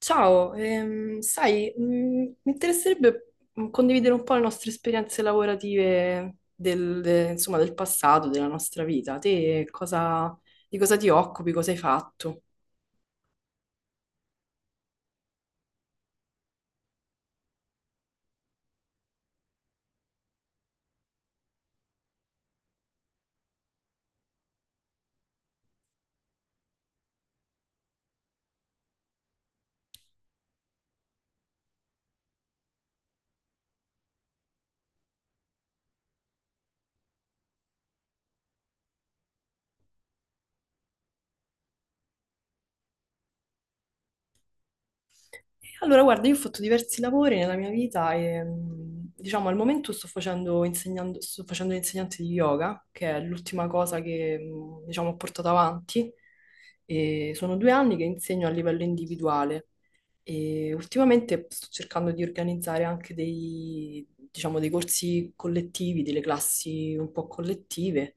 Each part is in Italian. Ciao, sai, mi interesserebbe condividere un po' le nostre esperienze lavorative insomma, del passato, della nostra vita. Di cosa ti occupi, cosa hai fatto? E allora, guarda, io ho fatto diversi lavori nella mia vita e, diciamo, al momento insegnando, sto facendo l'insegnante di yoga, che è l'ultima cosa che, diciamo, ho portato avanti. E sono due anni che insegno a livello individuale. E ultimamente sto cercando di organizzare anche diciamo, dei corsi collettivi, delle classi un po' collettive.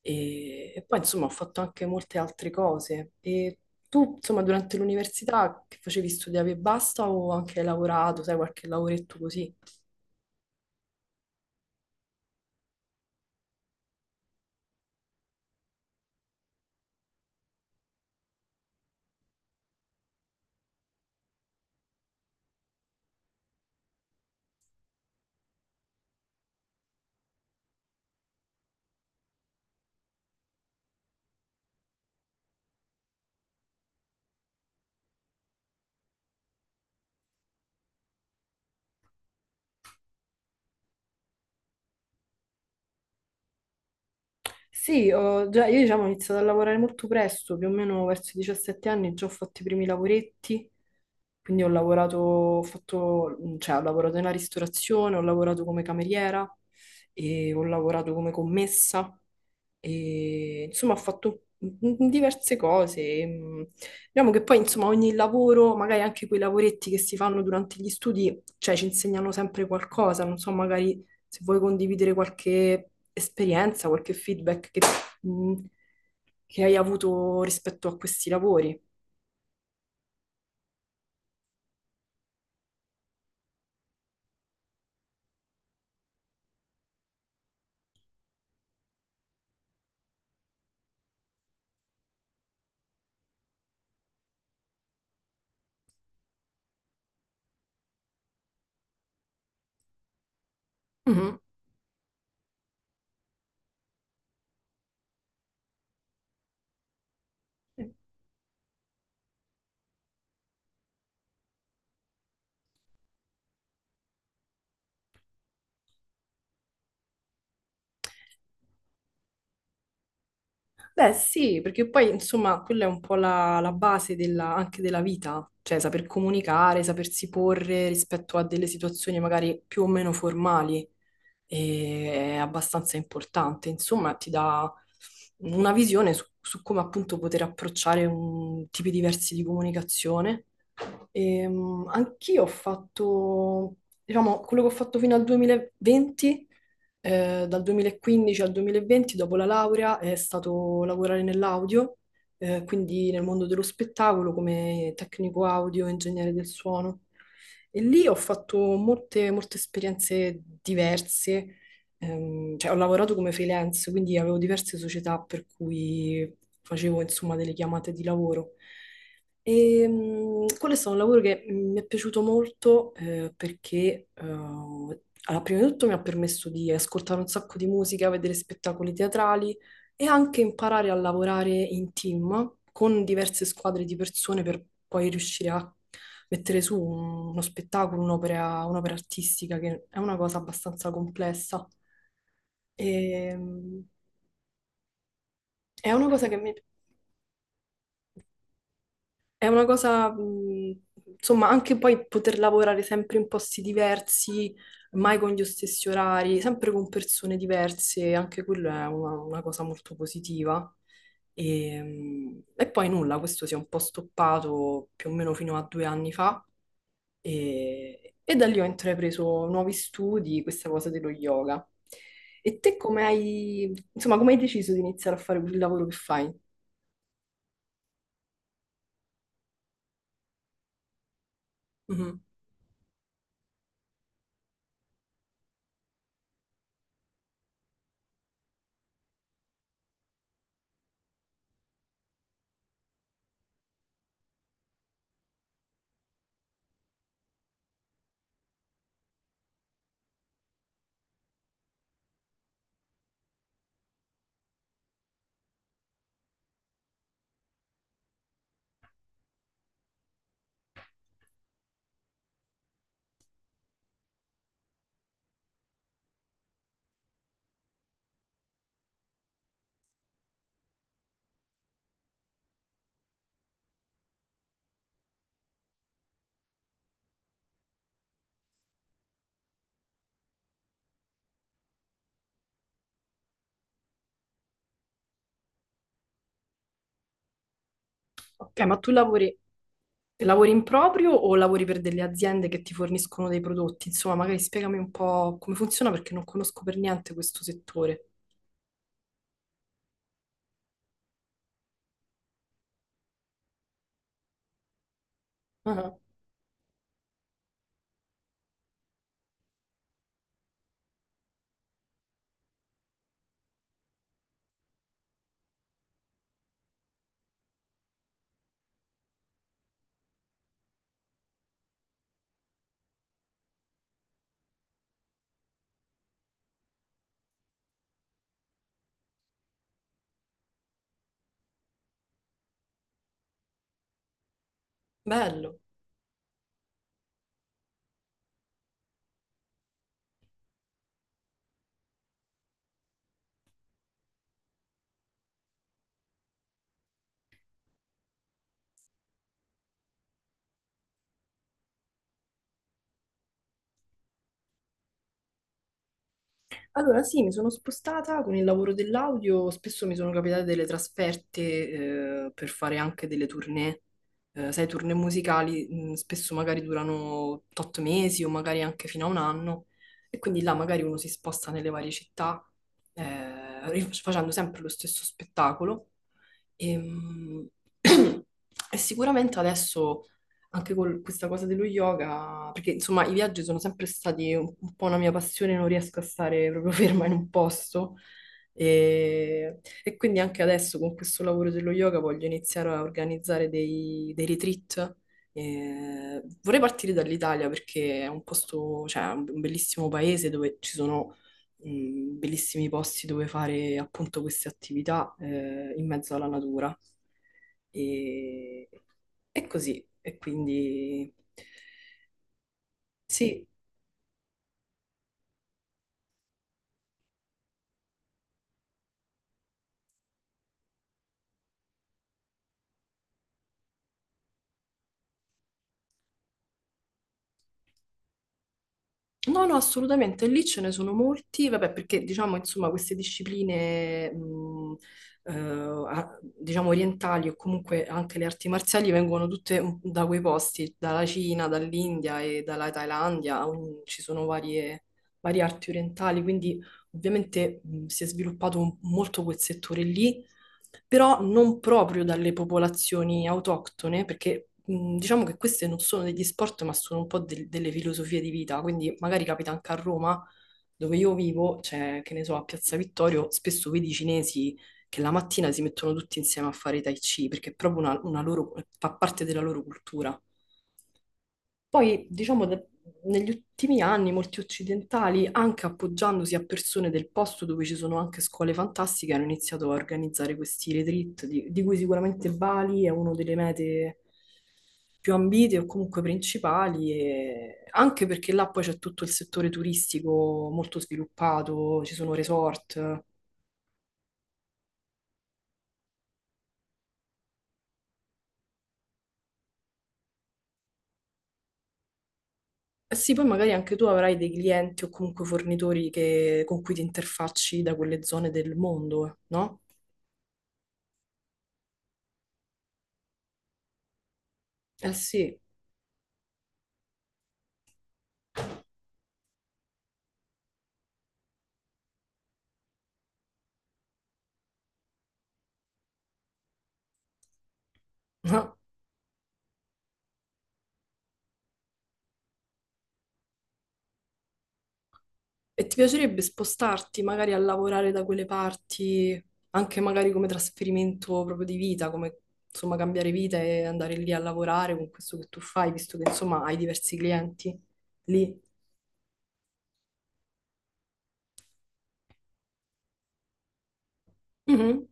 E poi, insomma, ho fatto anche molte altre cose. E tu, insomma, durante l'università che facevi studiavi e basta o anche hai lavorato, sai, qualche lavoretto così? Sì, io diciamo, ho iniziato a lavorare molto presto, più o meno verso i 17 anni, già ho fatto i primi lavoretti, quindi ho lavorato, cioè, ho lavorato nella ristorazione, ho lavorato come cameriera, e ho lavorato come commessa, e insomma ho fatto diverse cose. Mm. Diciamo che poi insomma ogni lavoro, magari anche quei lavoretti che si fanno durante gli studi, cioè ci insegnano sempre qualcosa, non so, magari se vuoi condividere qualche esperienza, qualche feedback mh, che hai avuto rispetto a questi lavori. Mhm. Beh, sì, perché poi insomma quella è un po' la base anche della vita, cioè saper comunicare, sapersi porre rispetto a delle situazioni magari più o meno formali è abbastanza importante, insomma ti dà una visione su come appunto poter approcciare tipi diversi di comunicazione. Anch'io ho fatto, diciamo, quello che ho fatto fino al 2020, dal 2015 al 2020, dopo la laurea, è stato lavorare nell'audio, quindi nel mondo dello spettacolo come tecnico audio, ingegnere del suono. E lì ho fatto molte, molte esperienze diverse, cioè ho lavorato come freelance, quindi avevo diverse società per cui facevo insomma delle chiamate di lavoro. Quello è stato un lavoro che mi è piaciuto molto perché allora, prima di tutto mi ha permesso di ascoltare un sacco di musica, vedere spettacoli teatrali e anche imparare a lavorare in team con diverse squadre di persone per poi riuscire a mettere su uno spettacolo, un'opera, un'opera artistica, che è una cosa abbastanza complessa. E, mh, è una cosa è una cosa, insomma, anche poi poter lavorare sempre in posti diversi, mai con gli stessi orari, sempre con persone diverse, anche quello è una cosa molto positiva. E poi nulla, questo si è un po' stoppato più o meno fino a due anni fa e da lì ho intrapreso nuovi studi, questa cosa dello yoga. E te come hai, insomma, come hai deciso di iniziare a fare il lavoro che fai? Ok, ma lavori in proprio o lavori per delle aziende che ti forniscono dei prodotti? Insomma, magari spiegami un po' come funziona perché non conosco per niente questo settore. Ah, bello. Allora, sì, mi sono spostata con il lavoro dell'audio, spesso mi sono capitate delle trasferte per fare anche delle tournée. Sai, tournée musicali spesso magari durano 8 mesi o magari anche fino a un anno e quindi là magari uno si sposta nelle varie città facendo sempre lo stesso spettacolo. E, mh, e sicuramente adesso anche con questa cosa dello yoga, perché insomma i viaggi sono sempre stati un po' una mia passione, non riesco a stare proprio ferma in un posto. E quindi anche adesso con questo lavoro dello yoga voglio iniziare a organizzare dei retreat. Vorrei partire dall'Italia perché è un posto, cioè è un bellissimo paese dove ci sono bellissimi posti dove fare appunto queste attività in mezzo alla natura. E, e così, e quindi sì, No, no, assolutamente. Lì ce ne sono molti, vabbè, perché diciamo, insomma, queste discipline, diciamo, orientali o comunque anche le arti marziali vengono tutte da quei posti, dalla Cina, dall'India e dalla Thailandia, ci sono varie arti orientali, quindi ovviamente si è sviluppato molto quel settore lì, però non proprio dalle popolazioni autoctone, perché diciamo che queste non sono degli sport, ma sono un po' delle filosofie di vita, quindi magari capita anche a Roma, dove io vivo, cioè, che ne so, a Piazza Vittorio, spesso vedi i cinesi che la mattina si mettono tutti insieme a fare Tai Chi, perché è proprio una loro, fa parte della loro cultura. Poi, negli ultimi anni molti occidentali, anche appoggiandosi a persone del posto dove ci sono anche scuole fantastiche, hanno iniziato a organizzare questi retreat, di cui sicuramente Bali è una delle mete più ambite o comunque principali, anche perché là poi c'è tutto il settore turistico molto sviluppato, ci sono resort. Eh sì, poi magari anche tu avrai dei clienti o comunque fornitori con cui ti interfacci da quelle zone del mondo, no? Eh sì. E ti piacerebbe spostarti magari a lavorare da quelle parti, anche magari come trasferimento proprio di vita, come insomma cambiare vita e andare lì a lavorare con questo che tu fai, visto che insomma hai diversi clienti lì. Mhm.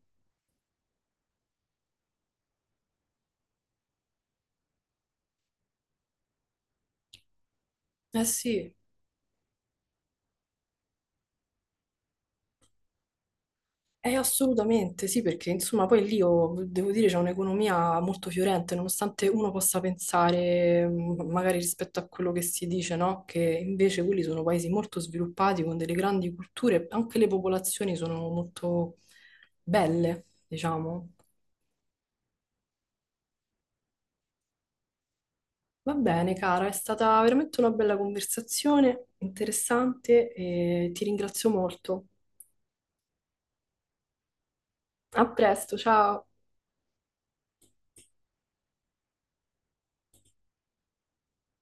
Eh sì. Assolutamente sì, perché insomma poi lì io devo dire c'è un'economia molto fiorente, nonostante uno possa pensare magari rispetto a quello che si dice, no? Che invece quelli sono paesi molto sviluppati con delle grandi culture, anche le popolazioni sono molto belle, diciamo. Va bene, cara, è stata veramente una bella conversazione, interessante e ti ringrazio molto. A presto, ciao!